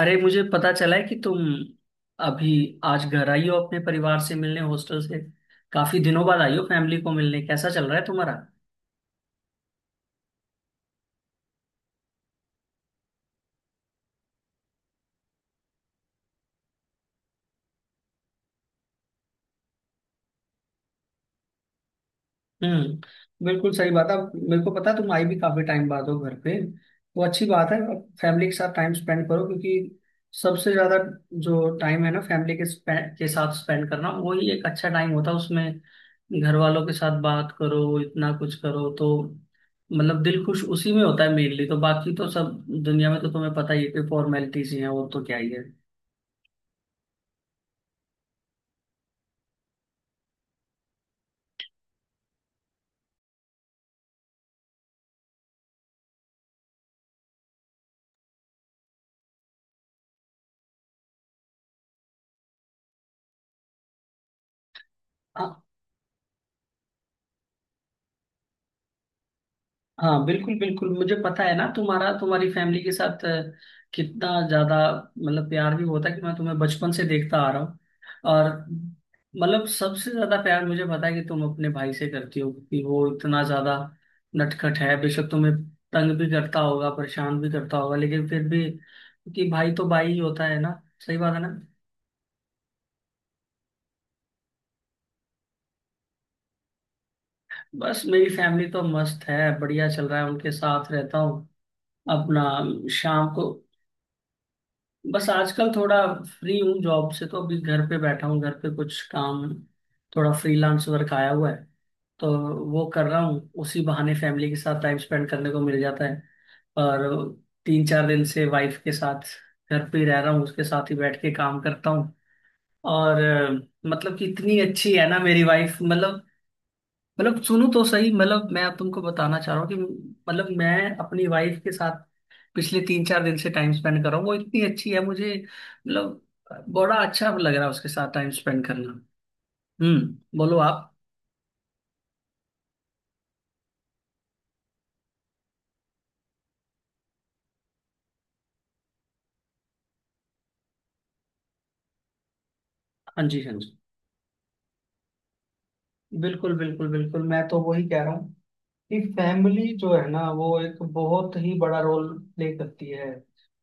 अरे, मुझे पता चला है कि तुम अभी आज घर आई हो अपने परिवार से मिलने, हॉस्टल से काफी दिनों बाद आई हो फैमिली को मिलने। कैसा चल रहा है तुम्हारा? हम्म, बिल्कुल सही बात है। अब मेरे को पता है तुम आई भी काफी टाइम बाद हो घर पे। वो अच्छी बात है, अब फैमिली के साथ टाइम स्पेंड करो, क्योंकि सबसे ज्यादा जो टाइम है ना फैमिली के साथ स्पेंड करना, वही एक अच्छा टाइम होता है। उसमें घर वालों के साथ बात करो, इतना कुछ करो तो मतलब दिल खुश उसी में होता है मेनली। तो बाकी तो सब दुनिया में तो तुम्हें पता ही है कि फॉर्मेलिटीज ही हैं, और तो क्या ही है। हाँ, बिल्कुल बिल्कुल। मुझे पता है ना तुम्हारा तुम्हारी फैमिली के साथ कितना ज्यादा मतलब प्यार भी होता है। कि मैं तुम्हें बचपन से देखता आ रहा हूँ, और मतलब सबसे ज्यादा प्यार मुझे पता है कि तुम अपने भाई से करती हो। कि वो इतना ज्यादा नटखट है, बेशक तुम्हें तंग भी करता होगा, परेशान भी करता होगा, लेकिन फिर भी कि भाई तो भाई ही होता है ना। सही बात है ना। बस मेरी फैमिली तो मस्त है, बढ़िया चल रहा है, उनके साथ रहता हूँ अपना। शाम को बस आजकल थोड़ा फ्री हूँ जॉब से, तो अभी घर पे बैठा हूँ, घर पे कुछ काम, थोड़ा फ्रीलांस वर्क आया हुआ है तो वो कर रहा हूँ। उसी बहाने फैमिली के साथ टाइम स्पेंड करने को मिल जाता है। और तीन चार दिन से वाइफ के साथ घर पे ही रह रहा हूँ, उसके साथ ही बैठ के काम करता हूँ। और मतलब कि इतनी अच्छी है ना मेरी वाइफ, मतलब। मतलब सुनो तो सही, मतलब मैं अब तुमको बताना चाह रहा हूँ कि मतलब मैं अपनी वाइफ के साथ पिछले तीन चार दिन से टाइम स्पेंड कर रहा हूँ, वो इतनी अच्छी है मुझे, मतलब बड़ा अच्छा लग रहा है उसके साथ टाइम स्पेंड करना। हम्म, बोलो आप। हाँ जी, हाँ जी, बिल्कुल बिल्कुल बिल्कुल। मैं तो वही कह रहा हूँ कि फैमिली जो है ना वो एक बहुत ही बड़ा रोल प्ले करती है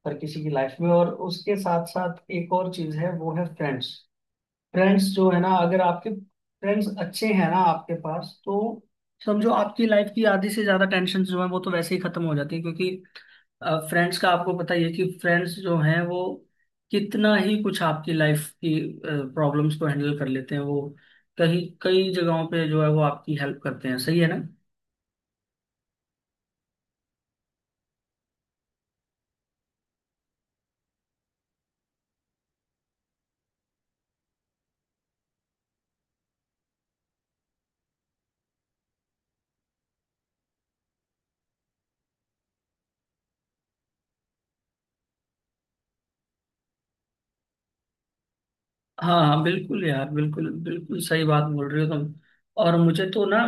हर किसी की लाइफ में। और उसके साथ साथ एक और चीज है, वो है फ्रेंड्स। फ्रेंड्स जो है ना, अगर आपके फ्रेंड्स अच्छे हैं ना आपके पास, तो समझो आपकी लाइफ की आधी से ज्यादा टेंशन जो है वो तो वैसे ही खत्म हो जाती है। क्योंकि फ्रेंड्स का आपको पता ही है कि फ्रेंड्स जो हैं वो कितना ही कुछ आपकी लाइफ की प्रॉब्लम्स को हैंडल कर लेते हैं। वो कहीं कई जगहों पे जो है वो आपकी हेल्प करते हैं। सही है ना? हाँ हाँ बिल्कुल यार, बिल्कुल बिल्कुल सही बात बोल रहे हो तुम। और मुझे तो ना,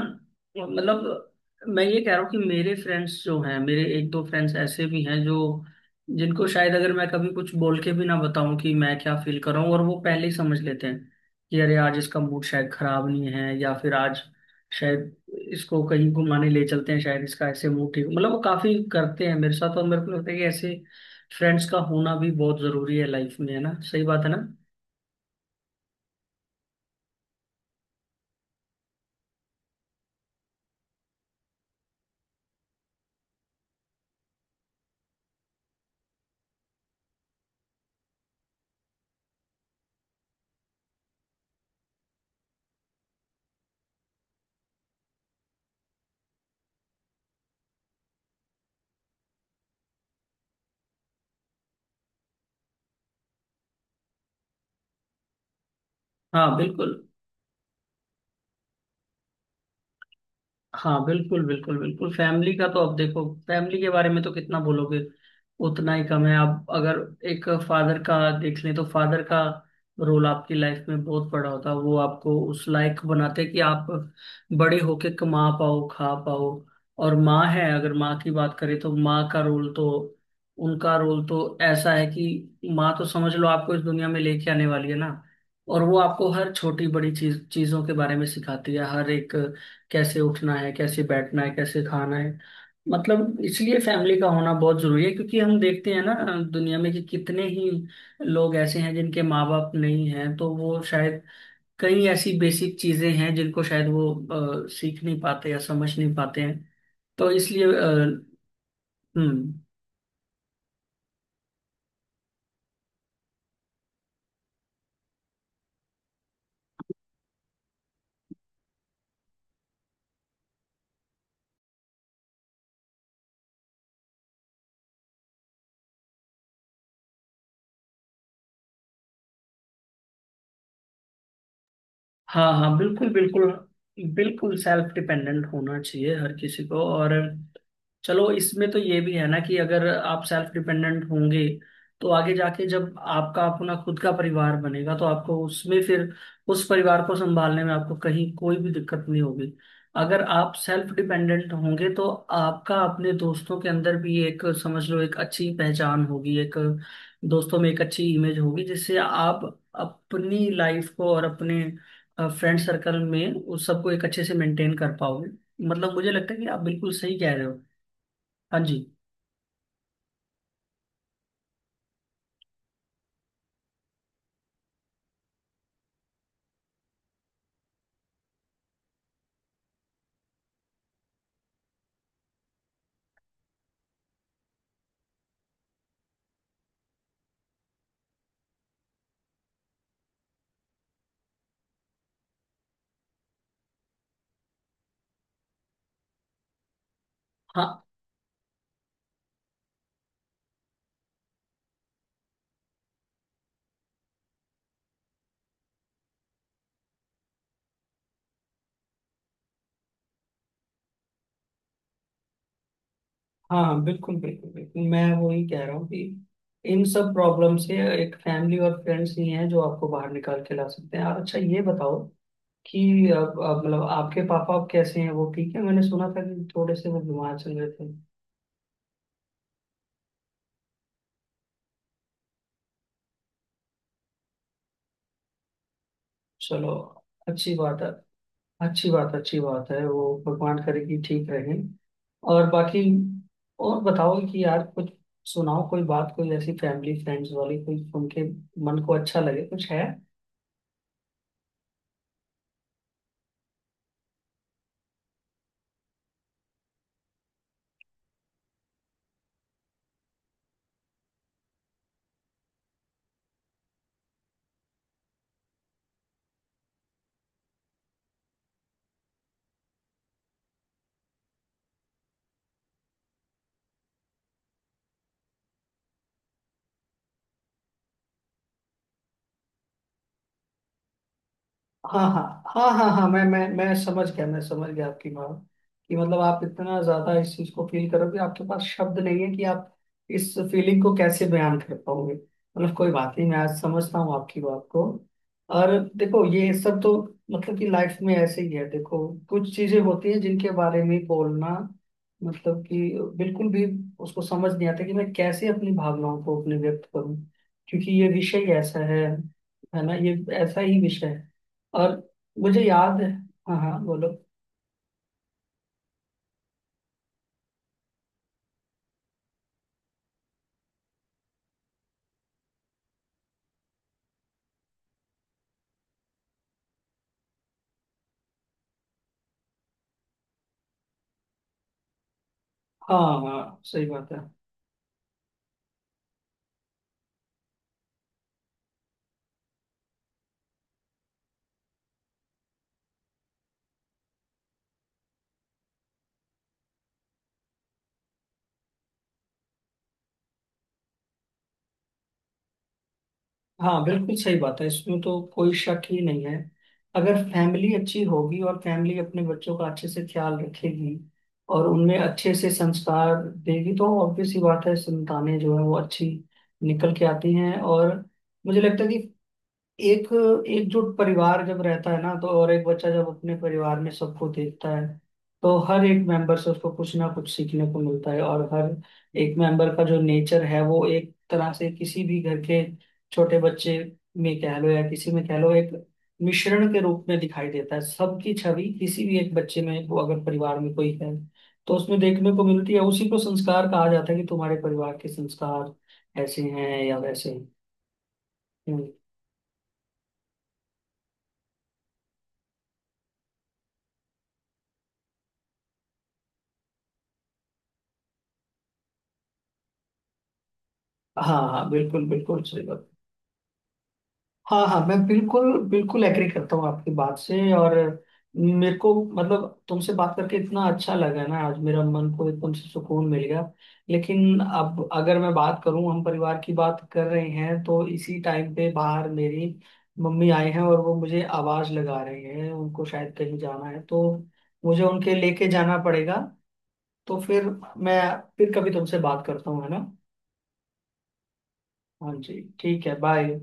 मतलब मैं ये कह रहा हूँ कि मेरे फ्रेंड्स जो हैं, मेरे एक दो फ्रेंड्स ऐसे भी हैं जो जिनको शायद अगर मैं कभी कुछ बोल के भी ना बताऊं कि मैं क्या फील कर रहा हूँ, और वो पहले ही समझ लेते हैं कि अरे आज इसका मूड शायद खराब नहीं है, या फिर आज शायद इसको कहीं घुमाने ले चलते हैं, शायद इसका ऐसे मूड ठीक, मतलब वो काफी करते हैं मेरे साथ। और मेरे को लगता है कि ऐसे फ्रेंड्स का होना भी बहुत जरूरी है लाइफ में। है ना, सही बात है ना। हाँ बिल्कुल। हाँ बिल्कुल बिल्कुल बिल्कुल। फैमिली का तो अब देखो, फैमिली के बारे में तो कितना बोलोगे उतना ही कम है। आप अगर एक फादर का देख लें, तो फादर का रोल आपकी लाइफ में बहुत बड़ा होता है, वो आपको उस लायक बनाते हैं कि आप बड़े होके कमा पाओ, खा पाओ। और माँ है, अगर माँ की बात करें तो माँ का रोल तो, उनका रोल तो ऐसा है कि माँ तो समझ लो आपको इस दुनिया में लेके आने वाली है ना। और वो आपको हर छोटी बड़ी चीजों के बारे में सिखाती है, हर एक, कैसे उठना है, कैसे बैठना है, कैसे खाना है। मतलब इसलिए फैमिली का होना बहुत जरूरी है, क्योंकि हम देखते हैं ना दुनिया में कि कितने ही लोग ऐसे हैं जिनके माँ बाप नहीं हैं, तो वो शायद कई ऐसी बेसिक चीजें हैं जिनको शायद वो सीख नहीं पाते या समझ नहीं पाते हैं। तो इसलिए हम्म। हाँ हाँ बिल्कुल बिल्कुल। बिल्कुल सेल्फ डिपेंडेंट होना चाहिए हर किसी को। और चलो इसमें तो ये भी है ना कि अगर आप सेल्फ डिपेंडेंट होंगे तो आगे जाके जब आपका अपना खुद का परिवार बनेगा, तो आपको उसमें फिर उस परिवार को संभालने में आपको कहीं कोई भी दिक्कत नहीं होगी। अगर आप सेल्फ डिपेंडेंट होंगे तो आपका अपने दोस्तों के अंदर भी एक, समझ लो, एक अच्छी पहचान होगी, एक दोस्तों में एक अच्छी इमेज होगी, जिससे आप अपनी लाइफ को और अपने फ्रेंड सर्कल में उस सबको एक अच्छे से मेंटेन कर पाओगे। मतलब मुझे लगता है कि आप बिल्कुल सही कह रहे हो। हाँ जी। हाँ हाँ हाँ, बिल्कुल बिल्कुल बिल्कुल। मैं वही कह रहा हूँ कि इन सब प्रॉब्लम से एक फैमिली और फ्रेंड्स ही हैं जो आपको बाहर निकाल के ला सकते हैं। और अच्छा ये बताओ कि अब मतलब आपके पापा अब कैसे हैं, वो ठीक है? मैंने सुना था कि थोड़े से वो बीमार चल रहे थे। चलो, अच्छी बात है। अच्छी बात, अच्छी बात है। वो भगवान करे कि ठीक रहे। और बाकी, और बताओ कि यार कुछ सुनाओ, कोई बात, कोई ऐसी फैमिली फ्रेंड्स वाली, कोई उनके मन को अच्छा लगे कुछ है। हाँ हाँ हाँ हाँ हाँ। मैं समझ गया, मैं समझ गया आपकी बात। कि मतलब आप इतना ज्यादा इस चीज को फील करोगे, आपके पास शब्द नहीं है कि आप इस फीलिंग को कैसे बयान कर पाओगे। मतलब कोई बात नहीं, मैं आज समझता हूँ आपकी बात को। और देखो ये सब तो मतलब कि लाइफ में ऐसे ही है। देखो कुछ चीजें होती हैं जिनके बारे में बोलना, मतलब कि बिल्कुल भी उसको समझ नहीं आता कि मैं कैसे अपनी भावनाओं को अपने व्यक्त करूं, क्योंकि ये विषय ऐसा है। है ना, ये ऐसा ही विषय है। और मुझे याद है। हाँ हाँ, बोलो। हाँ हाँ सही बात है। हाँ बिल्कुल सही बात है, इसमें तो कोई शक ही नहीं है। अगर फैमिली अच्छी होगी और फैमिली अपने बच्चों का अच्छे से ख्याल रखेगी और उनमें अच्छे से संस्कार देगी, तो ऑब्वियस सी बात है संतानें जो है वो अच्छी निकल के आती हैं। और मुझे लगता है कि एक एकजुट परिवार जब रहता है ना, तो और एक बच्चा जब अपने परिवार में सबको देखता है तो हर एक मेंबर से उसको कुछ ना कुछ सीखने को मिलता है। और हर एक मेंबर का जो नेचर है वो एक तरह से किसी भी घर के छोटे बच्चे में, कह लो, या किसी में, कह लो, एक मिश्रण के रूप में दिखाई देता है। सबकी छवि किसी भी एक बच्चे में, वो अगर परिवार में कोई है तो उसमें देखने को मिलती है। उसी को संस्कार कहा जाता है कि तुम्हारे परिवार के संस्कार ऐसे हैं या वैसे हैं। हाँ हाँ बिल्कुल बिल्कुल सही बात। हाँ हाँ, मैं बिल्कुल बिल्कुल एग्री करता हूँ आपकी बात से। और मेरे को मतलब तुमसे बात करके इतना अच्छा लगा ना आज, मेरा मन को एकदम से सुकून मिल गया। लेकिन अब अगर मैं बात करूँ, हम परिवार की बात कर रहे हैं, तो इसी टाइम पे बाहर मेरी मम्मी आए हैं और वो मुझे आवाज लगा रहे हैं, उनको शायद कहीं जाना है, तो मुझे उनके लेके जाना पड़ेगा। तो फिर मैं फिर कभी तुमसे बात करता हूँ, है ना। हाँ जी, ठीक है, बाय।